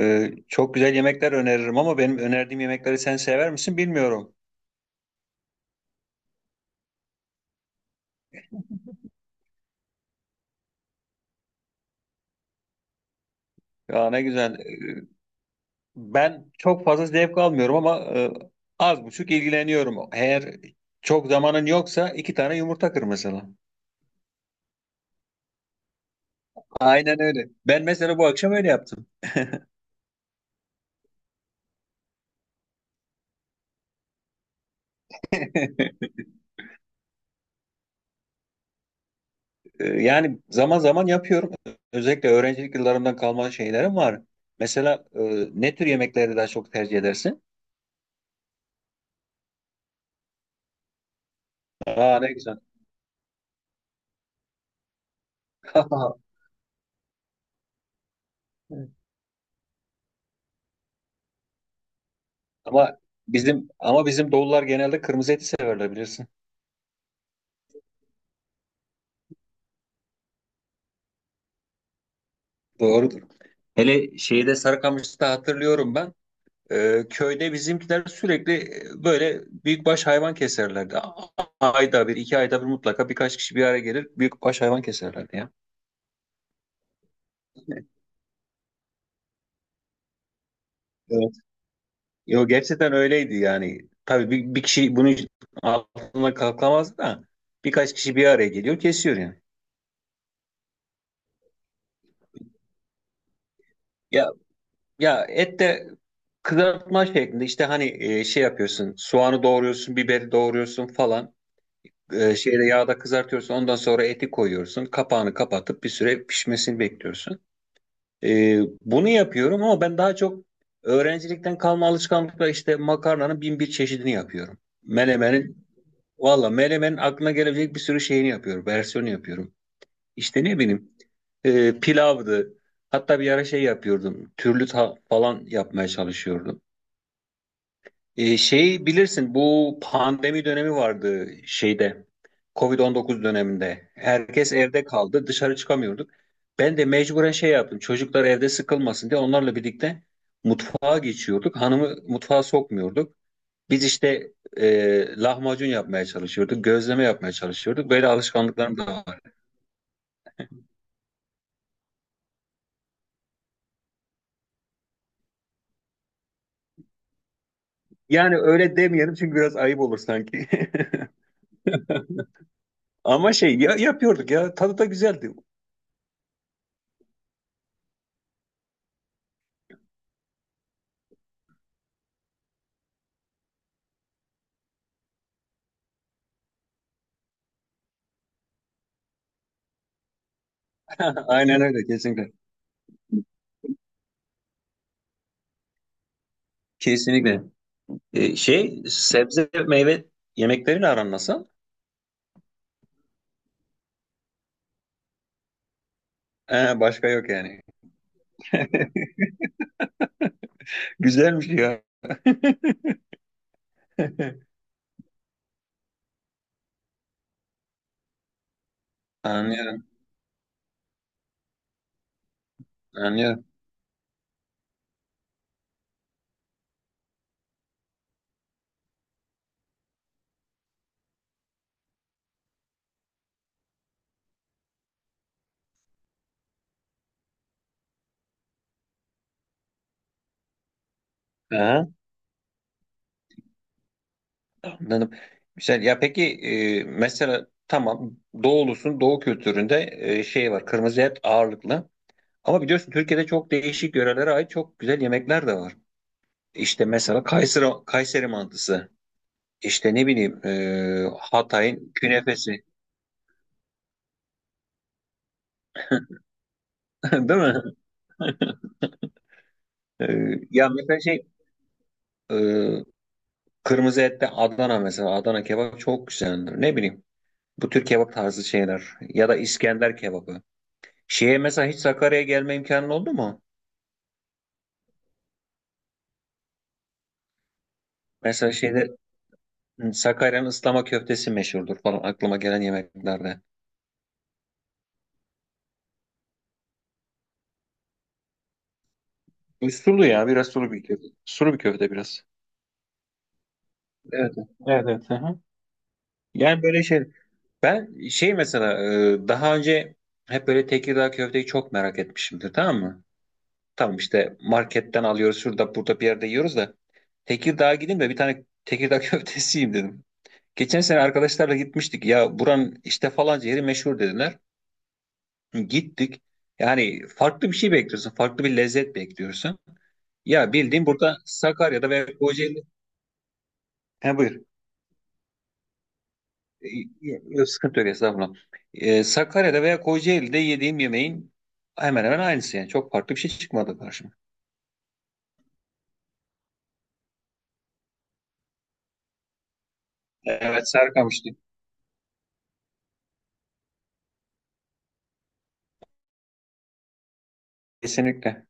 Çok güzel yemekler öneririm ama benim önerdiğim yemekleri sen sever misin bilmiyorum. Ya ne güzel. Ben çok fazla zevk almıyorum ama az buçuk ilgileniyorum. Eğer çok zamanın yoksa iki tane yumurta kır mesela. Aynen öyle. Ben mesela bu akşam öyle yaptım. Yani zaman zaman yapıyorum. Özellikle öğrencilik yıllarımdan kalma şeylerim var. Mesela ne tür yemekleri daha çok tercih edersin? Aa ne güzel. Ama ama bizim doğullar genelde kırmızı eti severler bilirsin. Doğrudur. Hele şeyde Sarıkamış'ta hatırlıyorum ben. Köyde bizimkiler sürekli böyle büyükbaş hayvan keserlerdi. Ayda bir, iki ayda bir mutlaka birkaç kişi bir araya gelir büyükbaş hayvan keserlerdi ya. Evet. Yo, gerçekten öyleydi yani. Tabii bir kişi bunun altına kalkamazdı da birkaç kişi bir araya geliyor kesiyor yani. Ya Ya et de kızartma şeklinde işte hani şey yapıyorsun, soğanı doğruyorsun, biberi doğruyorsun falan. Şeyde yağda kızartıyorsun, ondan sonra eti koyuyorsun, kapağını kapatıp bir süre pişmesini bekliyorsun. Bunu yapıyorum ama ben daha çok öğrencilikten kalma alışkanlıkla işte makarnanın bin bir çeşidini yapıyorum. Menemenin, valla menemenin aklına gelebilecek bir sürü şeyini yapıyorum, versiyonu yapıyorum. İşte ne bileyim pilavdı, hatta bir ara şey yapıyordum, falan yapmaya çalışıyordum. Şey, bilirsin bu pandemi dönemi vardı, şeyde Covid-19 döneminde. Herkes evde kaldı, dışarı çıkamıyorduk. Ben de mecburen şey yaptım, çocuklar evde sıkılmasın diye onlarla birlikte mutfağa geçiyorduk. Hanımı mutfağa sokmuyorduk. Biz işte lahmacun yapmaya çalışıyorduk, gözleme yapmaya çalışıyorduk. Böyle alışkanlıklarım da var. Yani öyle demeyelim çünkü biraz ayıp olur sanki. Ama şey ya, yapıyorduk ya, tadı da güzeldi. Aynen öyle, kesinlikle. Kesinlikle. Şey, sebze meyve yemeklerin aran nasıl? Başka yok yani. Güzelmiş ya. Anlıyorum, anlıyorum. Aha, anladım. Güzel. Ya peki mesela tamam, doğulusun, doğu kültüründe şey var, kırmızı et ağırlıklı. Ama biliyorsun Türkiye'de çok değişik yörelere ait çok güzel yemekler de var. İşte mesela Kayseri, mantısı. İşte ne bileyim Hatay'ın künefesi. Değil mi? E, Ya mesela şey, e, kırmızı ette Adana mesela. Adana kebap çok güzeldir. Ne bileyim. Bu tür kebap tarzı şeyler. Ya da İskender kebabı. Şeye mesela hiç Sakarya'ya gelme imkanın oldu mu? Mesela şeyde, hı, Sakarya'nın ıslama köftesi meşhurdur falan, aklıma gelen yemeklerde. Bu sulu ya, biraz sulu bir köfte. Sulu bir köfte biraz. Evet. Evet, evet. Hı hı. Yani böyle şey. Ben şey mesela daha önce hep böyle Tekirdağ köfteyi çok merak etmişimdir, tamam mı? Tamam işte marketten alıyoruz, şurada burada bir yerde yiyoruz da Tekirdağ'a gideyim de bir tane Tekirdağ köftesi yiyeyim dedim. Geçen sene arkadaşlarla gitmiştik. Ya buranın işte falanca yeri meşhur dediler. Gittik. Yani farklı bir şey bekliyorsun. Farklı bir lezzet bekliyorsun. Ya bildiğin burada Sakarya'da veya Kocaeli. He buyur. Yok, sıkıntı yok, estağfurullah. Sakarya'da veya Kocaeli'de yediğim yemeğin hemen hemen aynısı yani. Çok farklı bir şey çıkmadı karşıma. Evet, Sarıkamış'tı. Kesinlikle.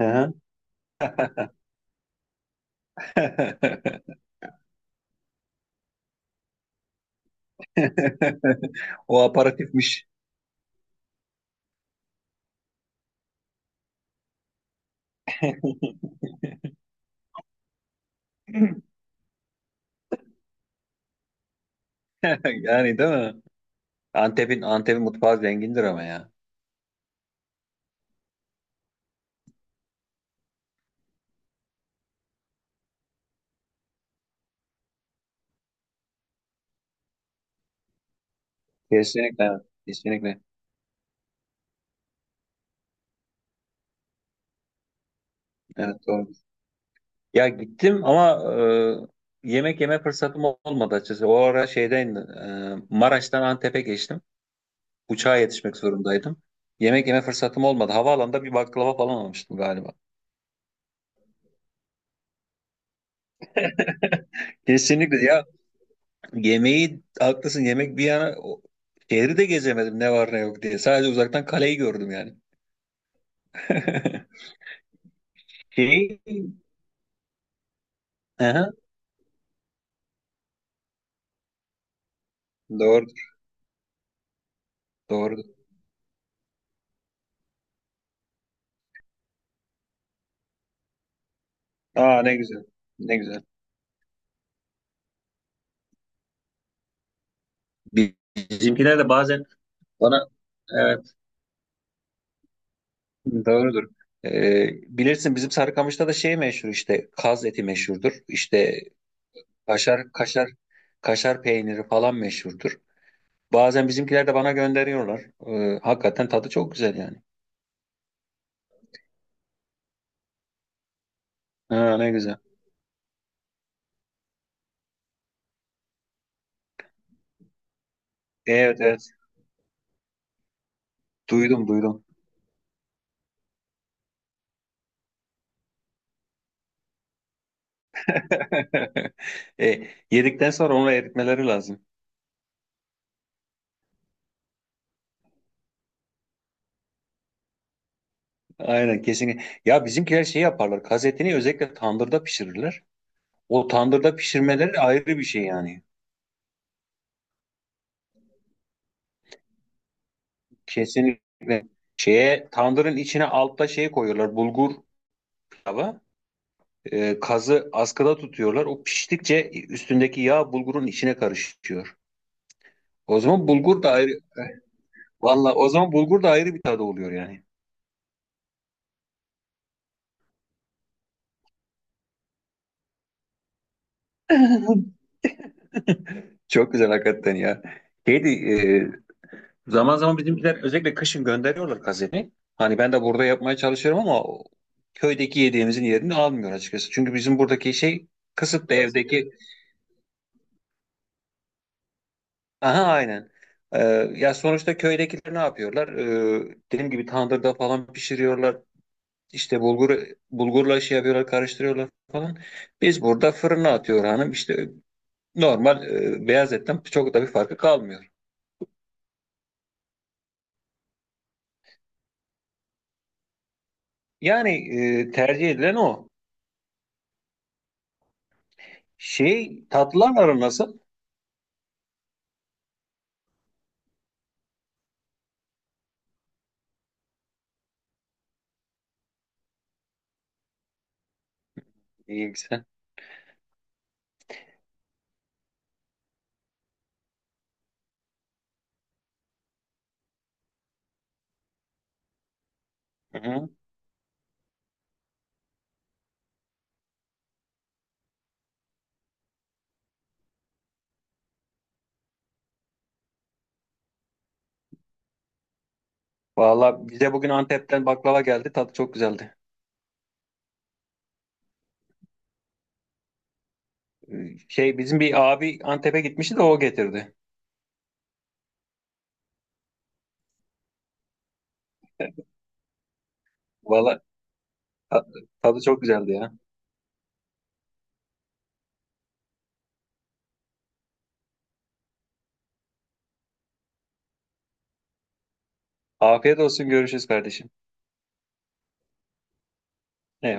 Hı hı. O aparatifmiş. Yani değil mi? Antep'in mutfağı zengindir ama ya. Kesinlikle evet. Kesinlikle. Evet doğru. Ya gittim ama yemek yeme fırsatım olmadı açıkçası. O ara şeyden Maraş'tan Antep'e geçtim. Uçağa yetişmek zorundaydım. Yemek yeme fırsatım olmadı. Havaalanında bir baklava falan almıştım galiba. Kesinlikle. Ya, yemeği haklısın, yemek bir yana, şehri de gezemedim ne var ne yok diye. Sadece uzaktan kaleyi gördüm yani. Şey, aha, doğru, doğru. Aa ne güzel, ne güzel. Bi- Bizimkiler de bazen bana, evet, doğrudur. Ee, Bilirsin bizim Sarıkamış'ta da şey meşhur işte, kaz eti meşhurdur. İşte kaşar, kaşar, kaşar peyniri falan meşhurdur. Bazen bizimkiler de bana gönderiyorlar. Hakikaten tadı çok güzel yani. Ha, ne güzel. Evet, evet. Duydum, duydum. E, yedikten sonra onu eritmeleri lazım. Aynen, kesinlikle. Ya bizimkiler şey yaparlar. Kazetini özellikle tandırda pişirirler. O tandırda pişirmeleri ayrı bir şey yani. Kesinlikle. Şeye tandırın içine altta şey koyuyorlar. Bulgur pilava. Kazı askıda tutuyorlar. O piştikçe üstündeki yağ bulgurun içine karışıyor. O zaman bulgur da ayrı. Valla o zaman bulgur da ayrı bir tadı oluyor yani. Çok güzel hakikaten ya. Şeydi, e, Zaman zaman bizimkiler özellikle kışın gönderiyorlar kazeni. Hani ben de burada yapmaya çalışıyorum ama o köydeki yediğimizin yerini almıyor açıkçası. Çünkü bizim buradaki şey kısıtlı biraz, evdeki. Aha aynen. Ee, Ya sonuçta köydekiler ne yapıyorlar? Dediğim gibi tandırda falan pişiriyorlar. İşte bulgurla şey yapıyorlar, karıştırıyorlar falan. Biz burada fırına atıyor hanım. İşte normal beyaz etten çok da bir farkı kalmıyor. Yani tercih edilen o. Şey, tatlılar aran nasıl? İyi, güzel. Hı hı. Valla bize bugün Antep'ten baklava geldi. Tadı çok güzeldi. Şey, bizim bir abi Antep'e gitmişti de o getirdi. Valla ta- tadı çok güzeldi ya. Afiyet olsun, görüşürüz kardeşim. Eyvallah.